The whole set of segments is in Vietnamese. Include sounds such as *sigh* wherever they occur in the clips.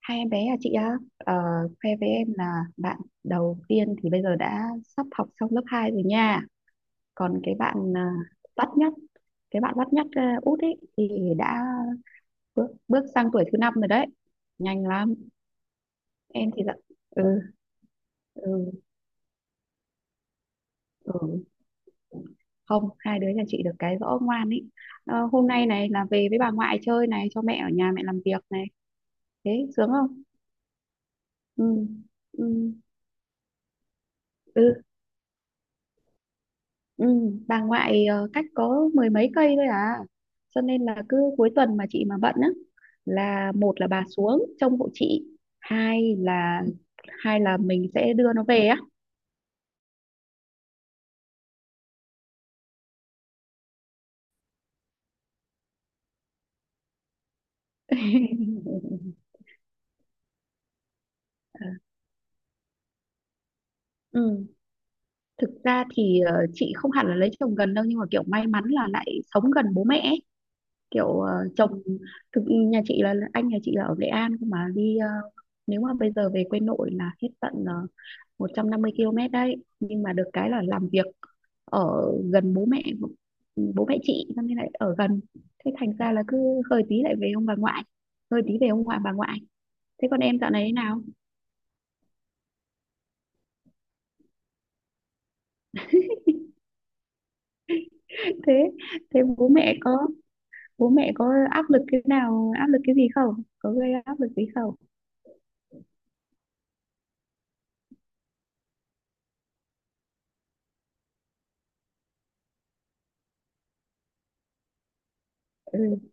Hai em bé à chị á, khoe với em là bạn đầu tiên thì bây giờ đã sắp học xong lớp 2 rồi nha. Còn cái bạn à, bắt nhất, bắt nhất à, út ấy thì đã bước sang tuổi thứ năm rồi đấy. Nhanh lắm, em thì là ừ, ừ, ừ. Không, hai đứa nhà chị được cái rõ ngoan ấy. Ờ, hôm nay này là về với bà ngoại chơi này, cho mẹ ở nhà mẹ làm việc này. Thế sướng không? Ừ, ừ, ừ. Ừ, bà ngoại cách có mười mấy cây thôi à, cho nên là cứ cuối tuần mà chị mà bận á, là một là bà xuống trông hộ chị, hai là mình sẽ đưa nó về á. *laughs* Ừ. Thực ra thì chị không hẳn là lấy chồng gần đâu, nhưng mà kiểu may mắn là lại sống gần bố mẹ ấy. Kiểu chồng thực nhà chị là anh nhà chị là ở Nghệ An, cơ mà đi nếu mà bây giờ về quê nội là hết tận uh, 150 km đấy, nhưng mà được cái là làm việc ở gần bố mẹ, bố mẹ chị cho nên lại ở gần. Thế thành ra là cứ hơi tí lại về ông bà ngoại, hơi tí về ông ngoại bà ngoại thế còn em dạo này thế nào? *laughs* thế thế bố mẹ có, bố mẹ có áp lực cái nào, áp lực cái gì không, có gây áp lực gì không? Ừ.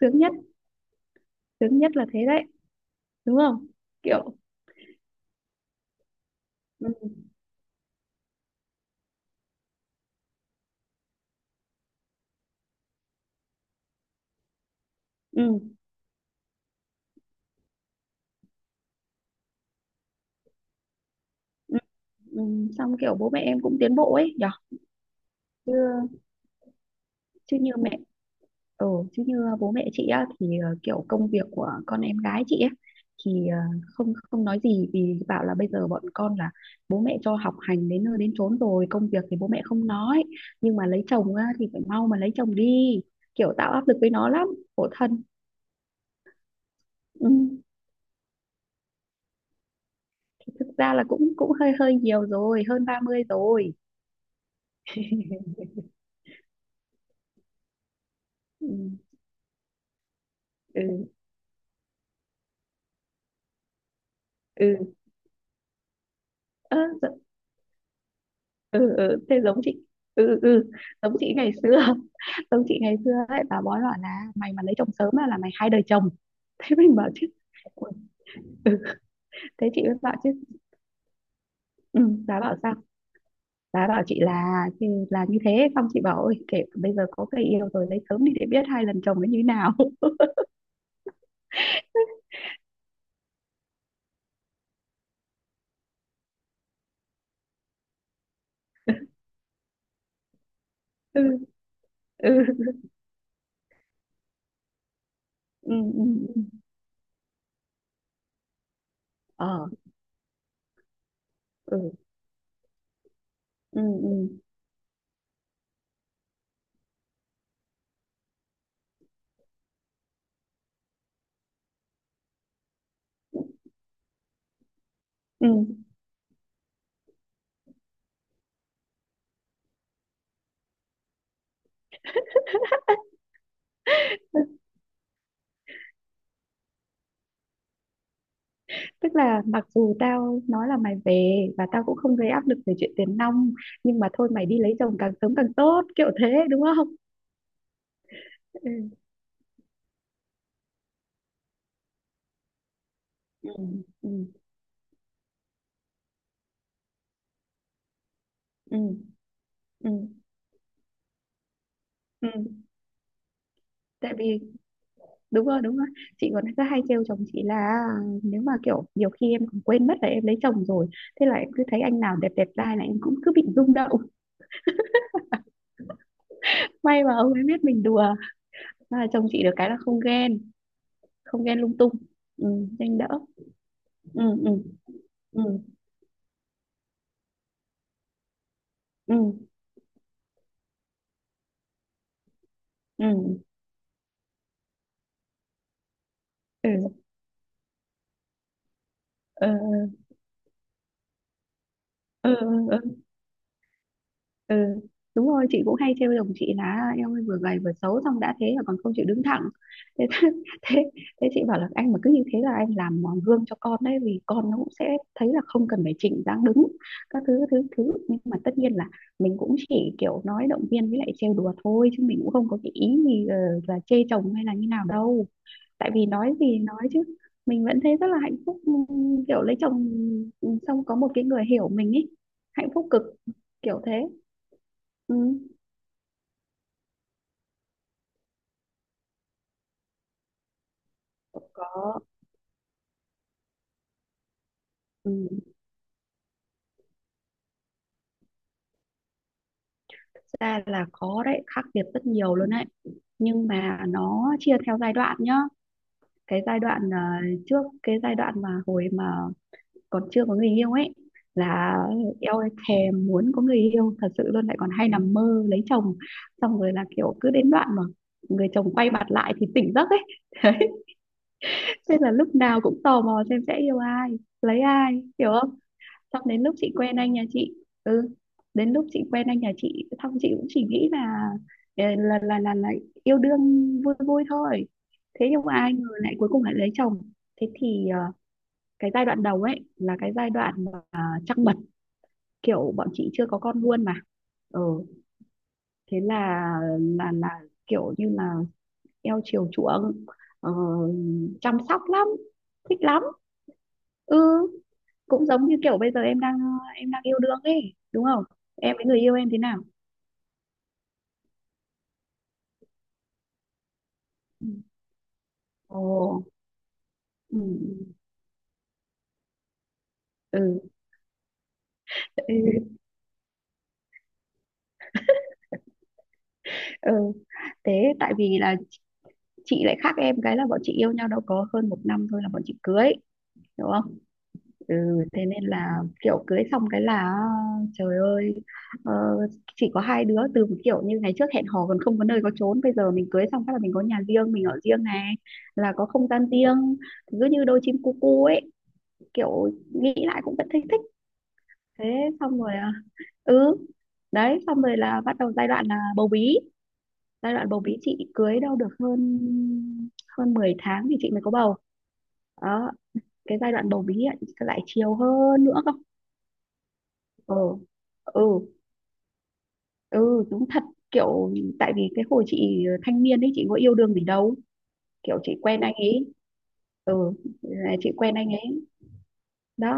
sướng nhất Sướng nhất là thế đấy, đúng không? Kiểu ừ, ừ, ừ, ừ. Xong kiểu bố mẹ em cũng tiến bộ ấy nhở. Chứ chứ Như mẹ ừ, chứ như bố mẹ chị á thì kiểu công việc của con em gái chị ấy thì không không nói gì vì bảo là bây giờ bọn con là bố mẹ cho học hành đến nơi đến chốn rồi, công việc thì bố mẹ không nói, nhưng mà lấy chồng á, thì phải mau mà lấy chồng đi, kiểu tạo áp lực với nó lắm, khổ thân. Ừ. Thì thực ra là cũng cũng hơi hơi nhiều rồi, hơn 30 rồi. Ừ. Ừ ừ. Ơ, ừ ừ, thế giống chị. Ừ ừ ừ, giống chị ngày xưa, *laughs* giống chị ngày xưa ấy, bà bói bảo là mày mà lấy chồng sớm á là mày hai đời chồng. *laughs* Thế mình bảo chứ "Ui, ừ. Thế chị mới bảo chứ ừ, bà bảo sao, bà bảo chị là thì là như thế, xong chị bảo ôi kể bây giờ có người yêu rồi lấy sớm đi để biết hai lần chồng nó như thế nào. *laughs* Ừ ừ ừ ừ ừ. Ờ ừ ừ ừ ừ. Tức là mặc dù tao nói là mày về và tao cũng không gây áp lực về chuyện tiền nong, nhưng mà thôi mày đi lấy chồng càng sớm càng tốt, kiểu thế đúng không? Ừ. Ừ. Ừ. Ừ. Ừ. Ừ. Tại vì đúng rồi, đúng rồi, chị còn cứ hay trêu chồng chị là à, nếu mà kiểu nhiều khi em còn quên mất là em lấy chồng rồi, thế là em cứ thấy anh nào đẹp đẹp trai là em cũng cứ bị rung động. *laughs* May mà ông ấy biết mình đùa. Mà chồng chị được cái là không ghen, không ghen lung tung. Ừ, nhanh đỡ. Ừ, ừ, ừ, ừ, ừ. Ừ. Ờ ờ ờ, ờ, ờ. Đúng rồi, chị cũng hay trêu chồng chị là "À, em ơi, vừa gầy vừa xấu, xong đã thế là còn không chịu đứng thẳng thế, *laughs* thế thế chị bảo là anh mà cứ như thế là anh làm mòn gương cho con đấy, vì con nó cũng sẽ thấy là không cần phải chỉnh dáng đứng các thứ thứ thứ, nhưng mà tất nhiên là mình cũng chỉ kiểu nói động viên với lại trêu đùa thôi, chứ mình cũng không có cái ý gì là chê chồng hay là như nào đâu. Tại vì nói gì nói chứ, mình vẫn thấy rất là hạnh phúc, kiểu lấy chồng xong có một cái người hiểu mình ấy, hạnh phúc cực, kiểu thế. Ừ, có. Ừ, thực ra là có đấy, khác biệt rất nhiều luôn đấy, nhưng mà nó chia theo giai đoạn nhá. Cái giai đoạn trước, cái giai đoạn mà hồi mà còn chưa có người yêu ấy, là eo ơi, thèm muốn có người yêu thật sự luôn, lại còn hay nằm mơ lấy chồng, xong rồi là kiểu cứ đến đoạn mà người chồng quay mặt lại thì tỉnh giấc ấy. *laughs* Thế là lúc nào cũng tò mò xem sẽ yêu ai, lấy ai, hiểu không? Xong đến lúc chị quen anh nhà chị, ừ, đến lúc chị quen anh nhà chị, xong chị cũng chỉ nghĩ là là là là, là, là yêu đương vui vui thôi. Thế nhưng mà ai ngờ lại cuối cùng lại lấy chồng. Thế thì cái giai đoạn đầu ấy là cái giai đoạn mà trăng mật, kiểu bọn chị chưa có con luôn mà. Ừ, thế là là là kiểu như là eo chiều chuộng, ờ, chăm sóc lắm, thích lắm ừ, cũng giống như kiểu bây giờ em đang yêu đương ấy đúng không, em với người yêu em thế nào? Ừ. Ồ ừ. Ừ. Ừ. Ừ, thế tại vì là chị lại khác em cái là bọn chị yêu nhau đâu có hơn một năm thôi là bọn chị cưới, đúng không? Ừ. Thế nên là kiểu cưới xong cái là trời ơi, ờ, chỉ có hai đứa, từ một kiểu như ngày trước hẹn hò còn không có nơi có chốn, bây giờ mình cưới xong phát là mình có nhà riêng, mình ở riêng này, là có không gian riêng, cứ như đôi chim cu cu ấy, kiểu nghĩ lại cũng vẫn thấy thích. Thế xong rồi ừ đấy, xong rồi là bắt đầu giai đoạn là bầu bí. Giai đoạn bầu bí chị cưới đâu được hơn hơn 10 tháng thì chị mới có bầu. Đó, cái giai đoạn bầu bí ấy, lại chiều hơn nữa cơ. Ừ ừ, ừ đúng thật kiểu, tại vì cái hồi chị thanh niên ấy chị có yêu đương gì đâu, kiểu chị quen anh ấy, ừ. Là chị quen anh ấy đó,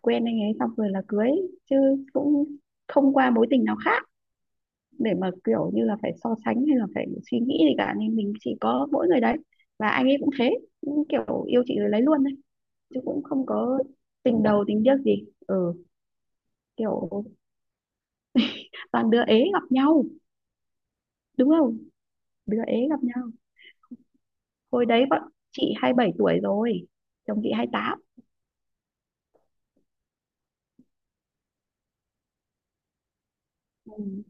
quen anh ấy xong rồi là cưới, chứ cũng không qua mối tình nào khác để mà kiểu như là phải so sánh hay là phải suy nghĩ gì cả, nên mình chỉ có mỗi người đấy, và anh ấy cũng thế, cũng kiểu yêu chị rồi lấy luôn đấy, chứ cũng không có tình đầu tình tiếc gì ừ, kiểu toàn đứa ế gặp nhau, đúng không, đứa ế gặp nhau. Hồi đấy bọn chị 27 tuổi rồi, chồng chị 28. Ừ.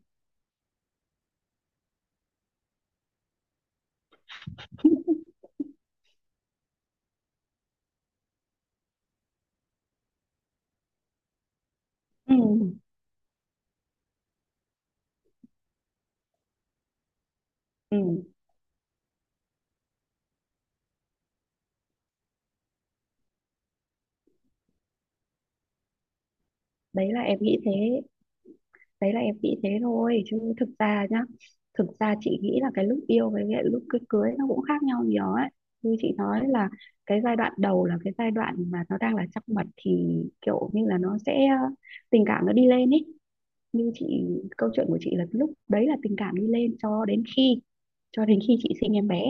Ừ. Ừ. Đấy là em nghĩ thế, đấy là em nghĩ thế thôi, chứ thực ra nhá, thực ra chị nghĩ là cái lúc yêu với cái lúc cưới, nó cũng khác nhau nhiều ấy. Như chị nói là cái giai đoạn đầu là cái giai đoạn mà nó đang là trăng mật, thì kiểu như là nó sẽ tình cảm nó đi lên ấy. Như chị, câu chuyện của chị là lúc đấy là tình cảm đi lên cho đến khi chị sinh em bé,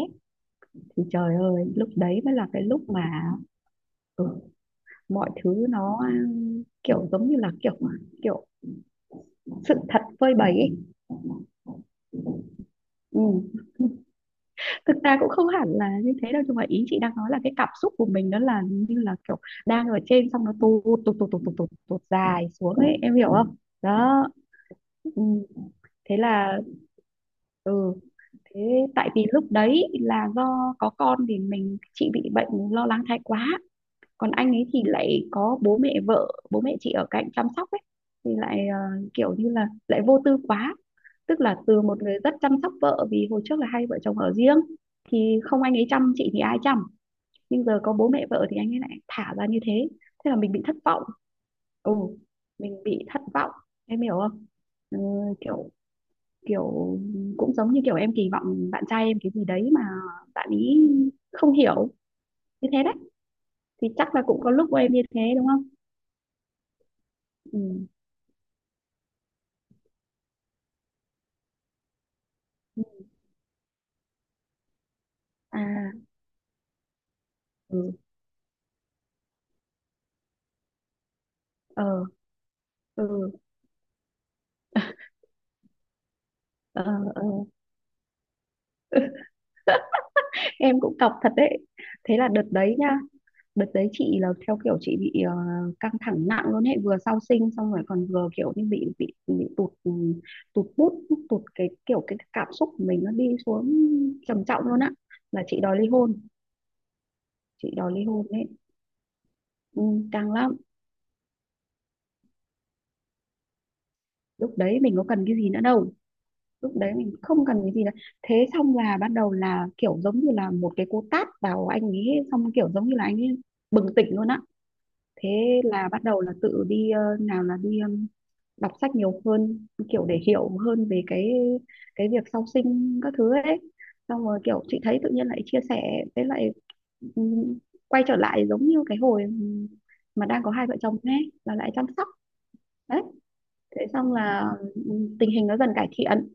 thì trời ơi lúc đấy mới là cái lúc mà ừ, mọi thứ nó ừ, kiểu giống như là kiểu kiểu sự thật phơi bày ấy. Ừ, thực ra cũng không hẳn là như thế đâu, nhưng mà ý chị đang nói là cái cảm xúc của mình đó là như là kiểu đang ở trên xong nó tụt tụt tụt tụt tụt tụt, tụt dài xuống ấy, em hiểu không? Đó, ừ. Thế là ừ, thế tại vì lúc đấy là do có con thì chị bị bệnh lo lắng thái quá, còn anh ấy thì lại có bố mẹ vợ, bố mẹ chị ở cạnh chăm sóc ấy, thì lại kiểu như là lại vô tư quá, tức là từ một người rất chăm sóc vợ, vì hồi trước là hai vợ chồng ở riêng, thì không anh ấy chăm chị thì ai chăm, nhưng giờ có bố mẹ vợ thì anh ấy lại thả ra như thế. Thế là mình bị thất vọng, ừ, mình bị thất vọng, em hiểu không? Ừ, kiểu kiểu cũng giống như kiểu em kỳ vọng bạn trai em cái gì đấy mà bạn ý không hiểu, như thế đấy. Thì chắc là cũng có lúc của em như thế đúng không? Ừ. Ừ. À ừ. Ờ ừ. Ờ ờ. *laughs* Em cũng cọc thật đấy. Thế là đợt đấy nhá, đợt đấy chị là theo kiểu chị bị căng thẳng nặng luôn ấy, vừa sau sinh xong rồi còn vừa kiểu như bị tụt ừ, tụt bút, tụt cái kiểu cái cảm xúc của mình nó đi xuống trầm trọng luôn á, là chị đòi ly hôn. Chị đòi ly hôn đấy, ừ, căng lắm. Lúc đấy mình có cần cái gì nữa đâu, lúc đấy mình không cần cái gì cả. Thế xong là ban đầu là kiểu giống như là một cái cú tát vào anh ấy, xong kiểu giống như là anh ấy bừng tỉnh luôn á. Thế là bắt đầu là tự đi nào là đi đọc sách nhiều hơn kiểu để hiểu hơn về cái việc sau sinh các thứ ấy, xong rồi kiểu chị thấy tự nhiên lại chia sẻ với lại ừm, quay trở lại giống như cái hồi mà đang có hai vợ chồng ấy là lại chăm sóc. Đấy, thế xong là tình hình nó dần cải thiện,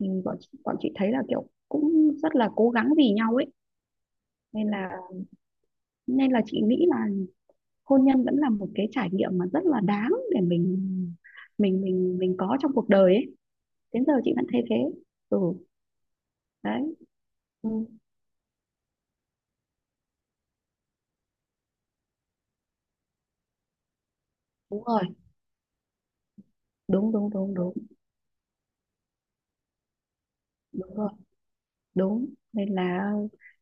thì bọn chị thấy là kiểu cũng rất là cố gắng vì nhau ấy, nên là chị nghĩ là hôn nhân vẫn là một cái trải nghiệm mà rất là đáng để mình có trong cuộc đời ấy. Đến giờ chị vẫn thấy thế. Ừ đấy, ừ, đúng rồi, đúng đúng đúng rồi, đúng. Nên là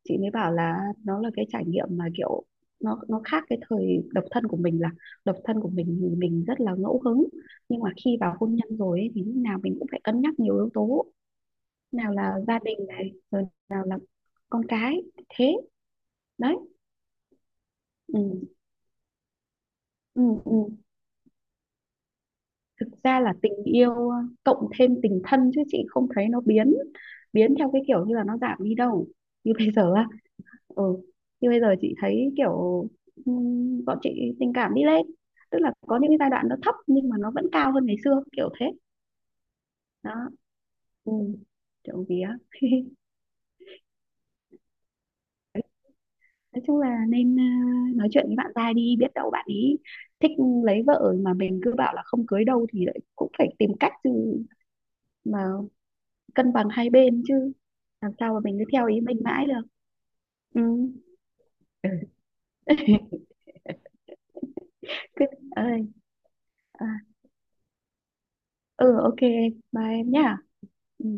chị mới bảo là nó là cái trải nghiệm mà kiểu nó khác cái thời độc thân của mình, là độc thân của mình thì mình rất là ngẫu hứng, nhưng mà khi vào hôn nhân rồi ấy, thì lúc nào mình cũng phải cân nhắc nhiều yếu tố, nào là gia đình này, rồi nào là con cái, thế đấy. Ừ, ừ, ừ. Thực ra là tình yêu cộng thêm tình thân, chứ chị không thấy nó biến biến theo cái kiểu như là nó giảm đi đâu. Như bây giờ á, ừ, như bây giờ chị thấy kiểu bọn chị tình cảm đi lên, tức là có những cái giai đoạn nó thấp nhưng mà nó vẫn cao hơn ngày xưa, kiểu thế. Đó, ừ, trộm vía. *laughs* Nói chung là nên nói chuyện với bạn trai đi, biết đâu bạn ấy thích lấy vợ mà mình cứ bảo là không cưới đâu, thì lại cũng phải tìm cách chứ, mà cân bằng hai bên chứ, làm sao mà mình cứ theo ý mình mãi được. Ừ. Ừ. Cứ ơi à, ừ, ok em, bye em nhá. Ừ.